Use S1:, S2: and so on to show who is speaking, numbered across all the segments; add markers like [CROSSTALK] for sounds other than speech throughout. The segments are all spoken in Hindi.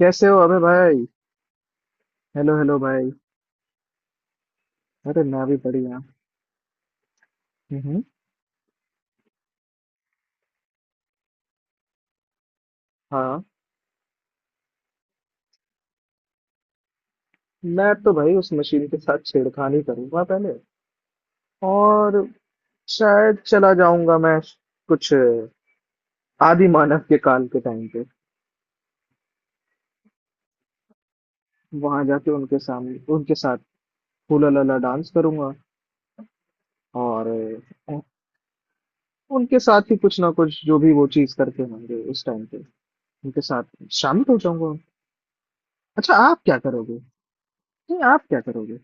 S1: कैसे हो अबे भाई। हेलो हेलो भाई। अरे मैं भी बढ़िया। हम्म। हाँ, मैं तो भाई उस मशीन के साथ छेड़खानी करूंगा पहले। और शायद चला जाऊंगा मैं कुछ आदि मानव के काल के टाइम पे। वहां जाके उनके सामने उनके साथ हुला लला डांस करूंगा। और उनके साथ ही कुछ ना कुछ जो भी वो चीज करते होंगे उस टाइम पे उनके साथ शामिल हो जाऊंगा। अच्छा, आप क्या करोगे? नहीं, आप क्या करोगे?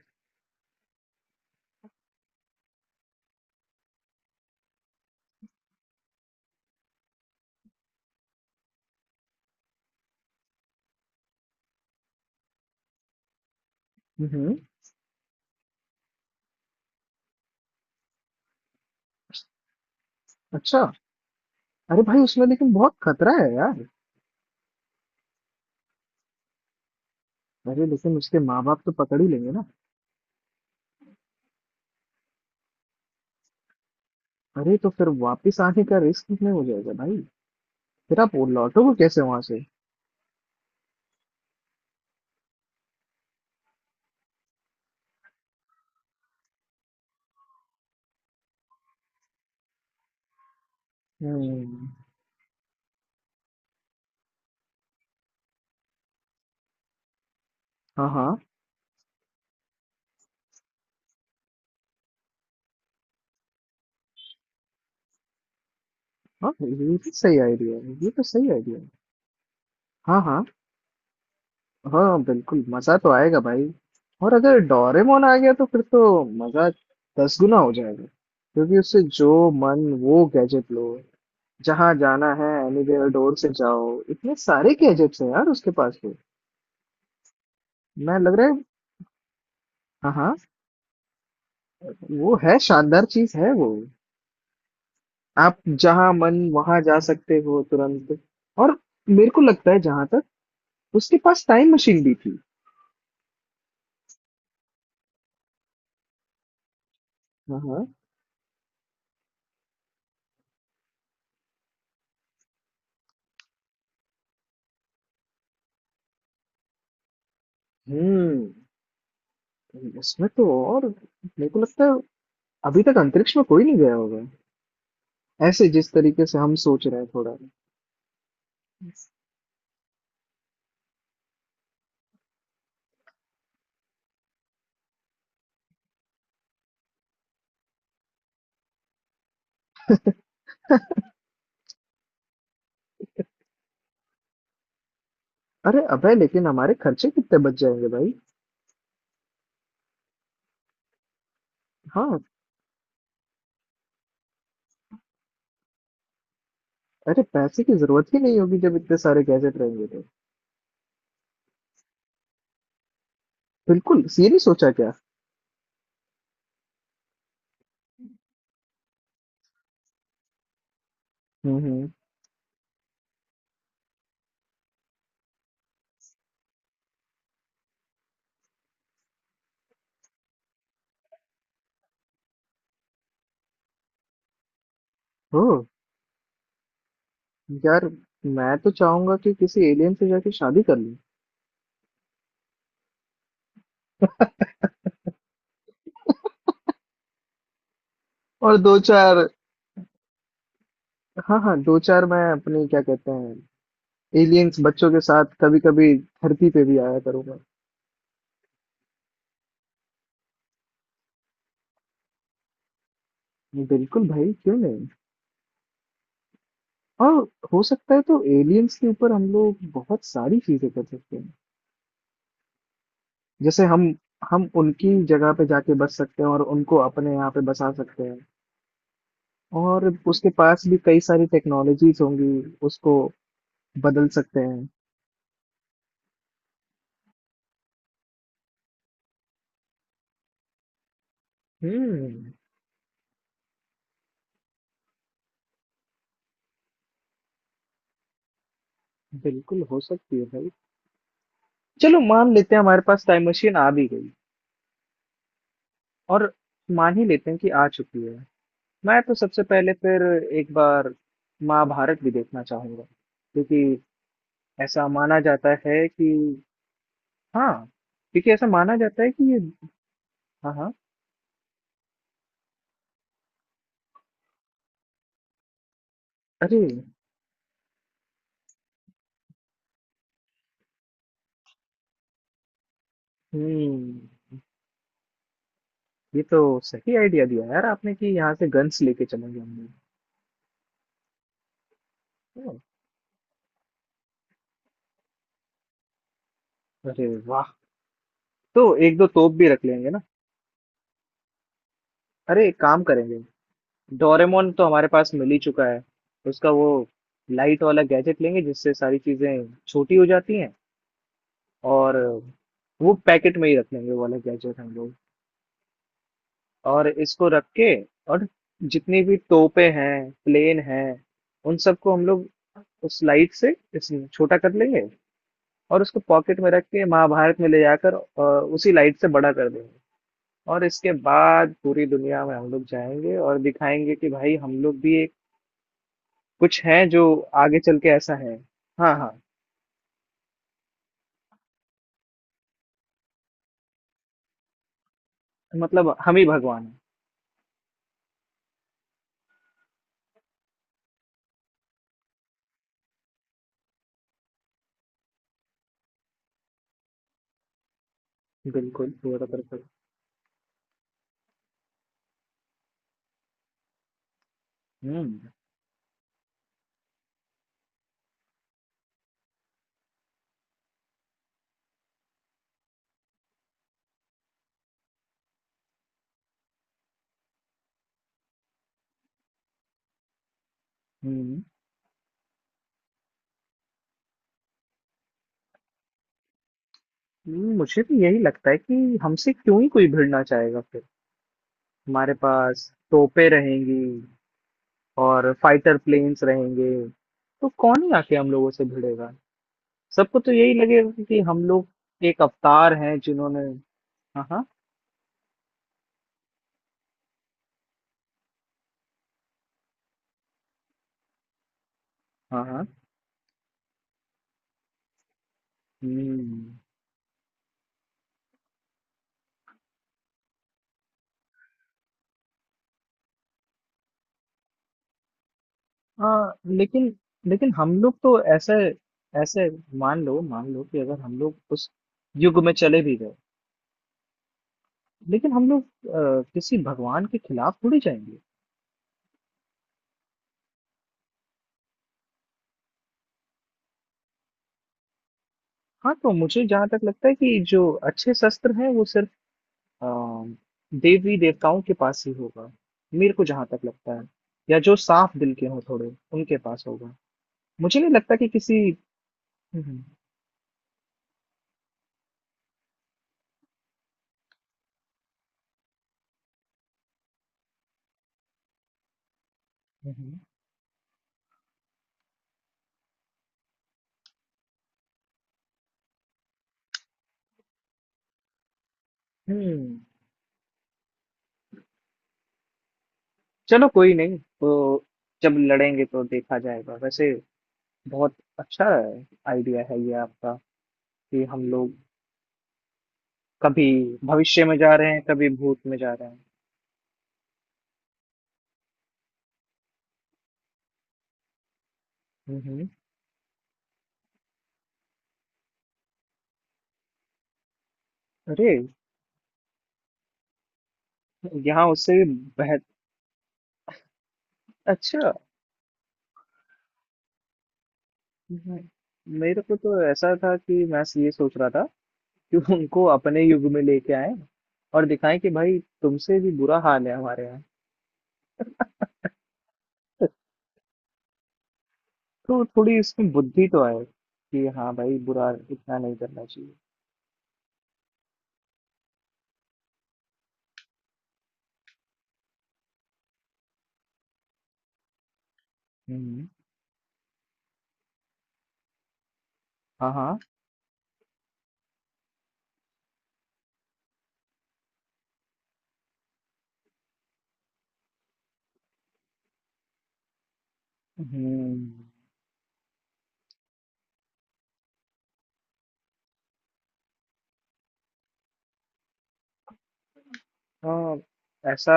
S1: हम्म। अच्छा। अरे भाई उसमें लेकिन बहुत खतरा है यार। अरे लेकिन उसके माँ बाप तो पकड़ ही लेंगे ना। अरे तो फिर वापस आने का रिस्क कितने हो जाएगा भाई। फिर आप वो लौटोगे कैसे वहां से? हम्म। हाँ हाँ। हाँ, ये तो सही आइडिया है, ये तो सही आइडिया है। हाँ हाँ। हाँ बिल्कुल, मजा तो आएगा भाई। और अगर डोरेमोन आ गया तो फिर तो मजा 10 गुना हो जाएगा। क्योंकि उससे जो मन वो गैजेट लो, जहाँ जाना है एनीवेयर डोर से जाओ, इतने सारे गैजेट्स हैं यार उसके पास तो। मैं, लग रहा है। हाँ हाँ। वो है, शानदार चीज है वो। आप जहां मन वहां जा सकते हो तुरंत। और मेरे को लगता है जहां तक, उसके पास टाइम मशीन भी थी। हाँ हाँ। हम्म उसमें तो, और मेरे को लगता है अभी तक अंतरिक्ष में कोई नहीं गया होगा ऐसे, जिस तरीके से हम सोच रहे हैं थोड़ा। अरे अबे लेकिन हमारे खर्चे कितने बच जाएंगे भाई। हाँ। अरे पैसे की जरूरत ही नहीं होगी जब इतने सारे गैजेट रहेंगे तो। बिल्कुल, ये नहीं सोचा क्या। हम्म। ओ। यार मैं तो चाहूंगा कि किसी एलियन से जाके शादी कर लूं। और दो चार, हाँ हाँ, दो चार मैं अपनी क्या कहते हैं एलियंस बच्चों के साथ कभी कभी धरती पे भी आया करूंगा। बिल्कुल भाई, क्यों नहीं। और हो सकता है तो एलियंस के ऊपर हम लोग बहुत सारी चीजें कर सकते हैं। जैसे हम उनकी जगह पे जाके बस सकते हैं और उनको अपने यहाँ पे बसा सकते हैं। और उसके पास भी कई सारी टेक्नोलॉजीज होंगी, उसको बदल सकते हैं। हम्म। बिल्कुल हो सकती है भाई। चलो मान लेते हैं हमारे पास टाइम मशीन आ भी गई। और मान ही लेते हैं कि आ चुकी है। मैं तो सबसे पहले फिर एक बार महाभारत भी देखना चाहूंगा। क्योंकि ऐसा माना जाता है कि, हाँ, क्योंकि ऐसा माना जाता है कि ये। हाँ हाँ। अरे। हम्म। ये तो सही आइडिया दिया यार आपने, कि यहाँ से गन्स लेके चलेंगे हम लोग। ओह, अरे वाह। तो एक दो तोप भी रख लेंगे ना। अरे एक काम करेंगे, डोरेमोन तो हमारे पास मिल ही चुका है। उसका वो लाइट वाला गैजेट लेंगे जिससे सारी चीजें छोटी हो जाती हैं। और वो पैकेट में ही रख लेंगे वो वाला गैजेट हम लोग। और इसको रख के, और जितनी भी तोपें हैं, प्लेन हैं, उन सबको हम लोग उस लाइट से इस छोटा कर लेंगे। और उसको पॉकेट में रख के महाभारत में ले जाकर उसी लाइट से बड़ा कर देंगे। और इसके बाद पूरी दुनिया में हम लोग जाएंगे और दिखाएंगे कि भाई हम लोग भी एक कुछ है जो आगे चल के ऐसा है। हाँ हाँ। मतलब हम ही भगवान हैं। बिल्कुल पूरा बिल्कुल। हम्म हम्म। मुझे भी यही लगता है कि हमसे क्यों ही कोई भिड़ना चाहेगा फिर। हमारे पास तोपें रहेंगी और फाइटर प्लेन्स रहेंगे, तो कौन ही आके हम लोगों से भिड़ेगा। सबको तो यही लगेगा कि हम लोग एक अवतार हैं जिन्होंने। हाँ हाँ। हाँ हाँ। हम्म। हाँ लेकिन, लेकिन हम लोग तो ऐसे, ऐसे, मान लो कि अगर हम लोग उस युग में चले भी गए। लेकिन हम लोग किसी भगवान के खिलाफ थोड़ी जाएंगे। हाँ, तो मुझे जहाँ तक लगता है कि जो अच्छे शस्त्र हैं वो सिर्फ अ, देवी देवताओं के पास ही होगा। मेरे को जहाँ तक लगता है। या जो साफ दिल के हों थोड़े उनके पास होगा। मुझे नहीं लगता कि किसी। हम्म हम्म। हम्म। चलो कोई नहीं तो, जब लड़ेंगे तो देखा जाएगा वैसे। बहुत अच्छा आइडिया है ये आपका, कि हम लोग कभी भविष्य में जा रहे हैं, कभी भूत में जा रहे हैं। हम्म। अरे यहाँ उससे भी बेहतर। अच्छा। हम्म, मेरे को तो ऐसा था कि मैं ये सोच रहा था कि [LAUGHS] उनको अपने युग में लेके आए। और दिखाएं कि भाई तुमसे भी बुरा हाल है हमारे यहाँ। तो थोड़ी इसमें बुद्धि तो आए, कि हाँ भाई बुरा इतना नहीं करना चाहिए। हम्म। हाँ हाँ। हम्म। हाँ। ऐसा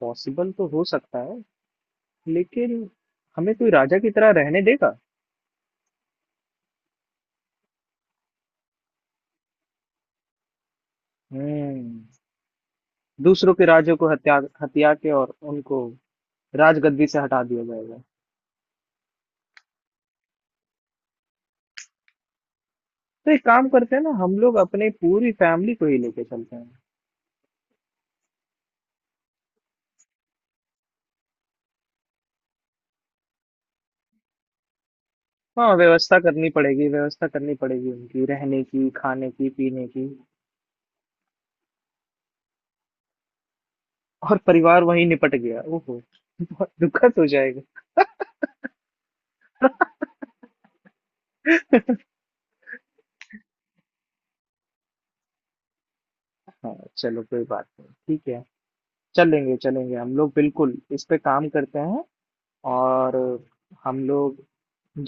S1: पॉसिबल तो हो सकता है, लेकिन हमें कोई राजा की तरह रहने देगा? हम्म दूसरों के राज्यों को हत्या हत्या के, और उनको राजगद्दी से हटा दिया जाएगा। तो एक काम करते हैं ना, हम लोग अपने पूरी फैमिली को ही लेके चलते हैं। हाँ, व्यवस्था करनी पड़ेगी, व्यवस्था करनी पड़ेगी उनकी रहने की, खाने की, पीने की। और परिवार वहीं निपट गया, ओहो बहुत दुखद हो जाएगा। हाँ चलो, कोई बात नहीं। ठीक है। चलेंगे चलेंगे हम लोग, बिल्कुल इस पे काम करते हैं। और हम लोग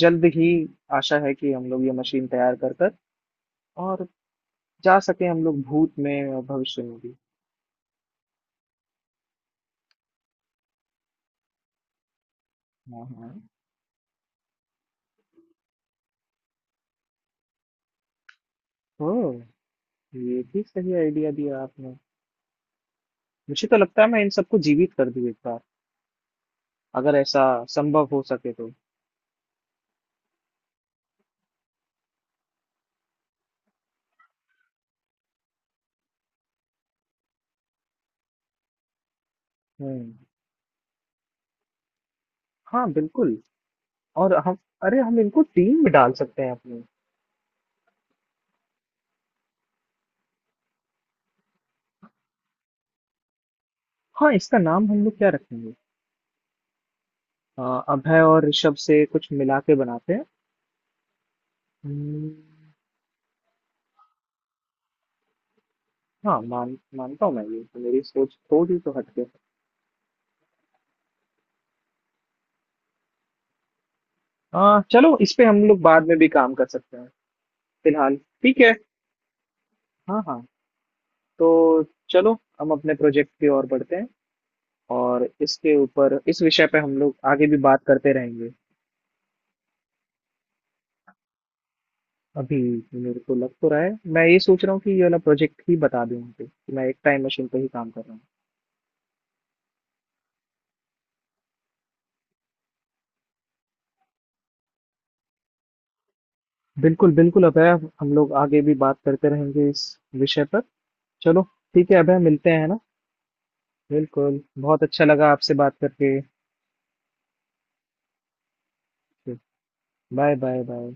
S1: जल्द ही, आशा है कि हम लोग ये मशीन तैयार कर कर और जा सके हम लोग भूत में और भविष्य में भी। हाँ हाँ। ओह, ये भी सही आइडिया दिया आपने। मुझे तो लगता है मैं इन सबको जीवित कर दूं एक बार, अगर ऐसा संभव हो सके तो। हम्म। हाँ बिल्कुल। और हम, अरे हम इनको टीम में डाल सकते हैं अपनी। हाँ, इसका नाम हम लोग क्या रखेंगे? अ, अभय और ऋषभ से कुछ मिला के बनाते हैं। हम्म, हाँ मानता हूँ मैं, ये तो मेरी सोच थोड़ी तो हटके। हाँ चलो, इस पे हम लोग बाद में भी काम कर सकते हैं फिलहाल। ठीक है। हाँ हाँ। तो चलो, हम अपने प्रोजेक्ट की ओर बढ़ते हैं। और इसके ऊपर, इस विषय पे हम लोग आगे भी बात करते रहेंगे। अभी। मेरे को लग तो रहा है, मैं ये सोच रहा हूँ कि ये वाला प्रोजेक्ट ही बता दूं उनको कि मैं एक टाइम मशीन पे ही काम कर रहा हूँ। बिल्कुल बिल्कुल अभय, हम लोग आगे भी बात करते रहेंगे इस विषय पर। चलो, ठीक है अभय, मिलते हैं ना। बिल्कुल, बहुत अच्छा लगा आपसे बात करके। Bye bye bye.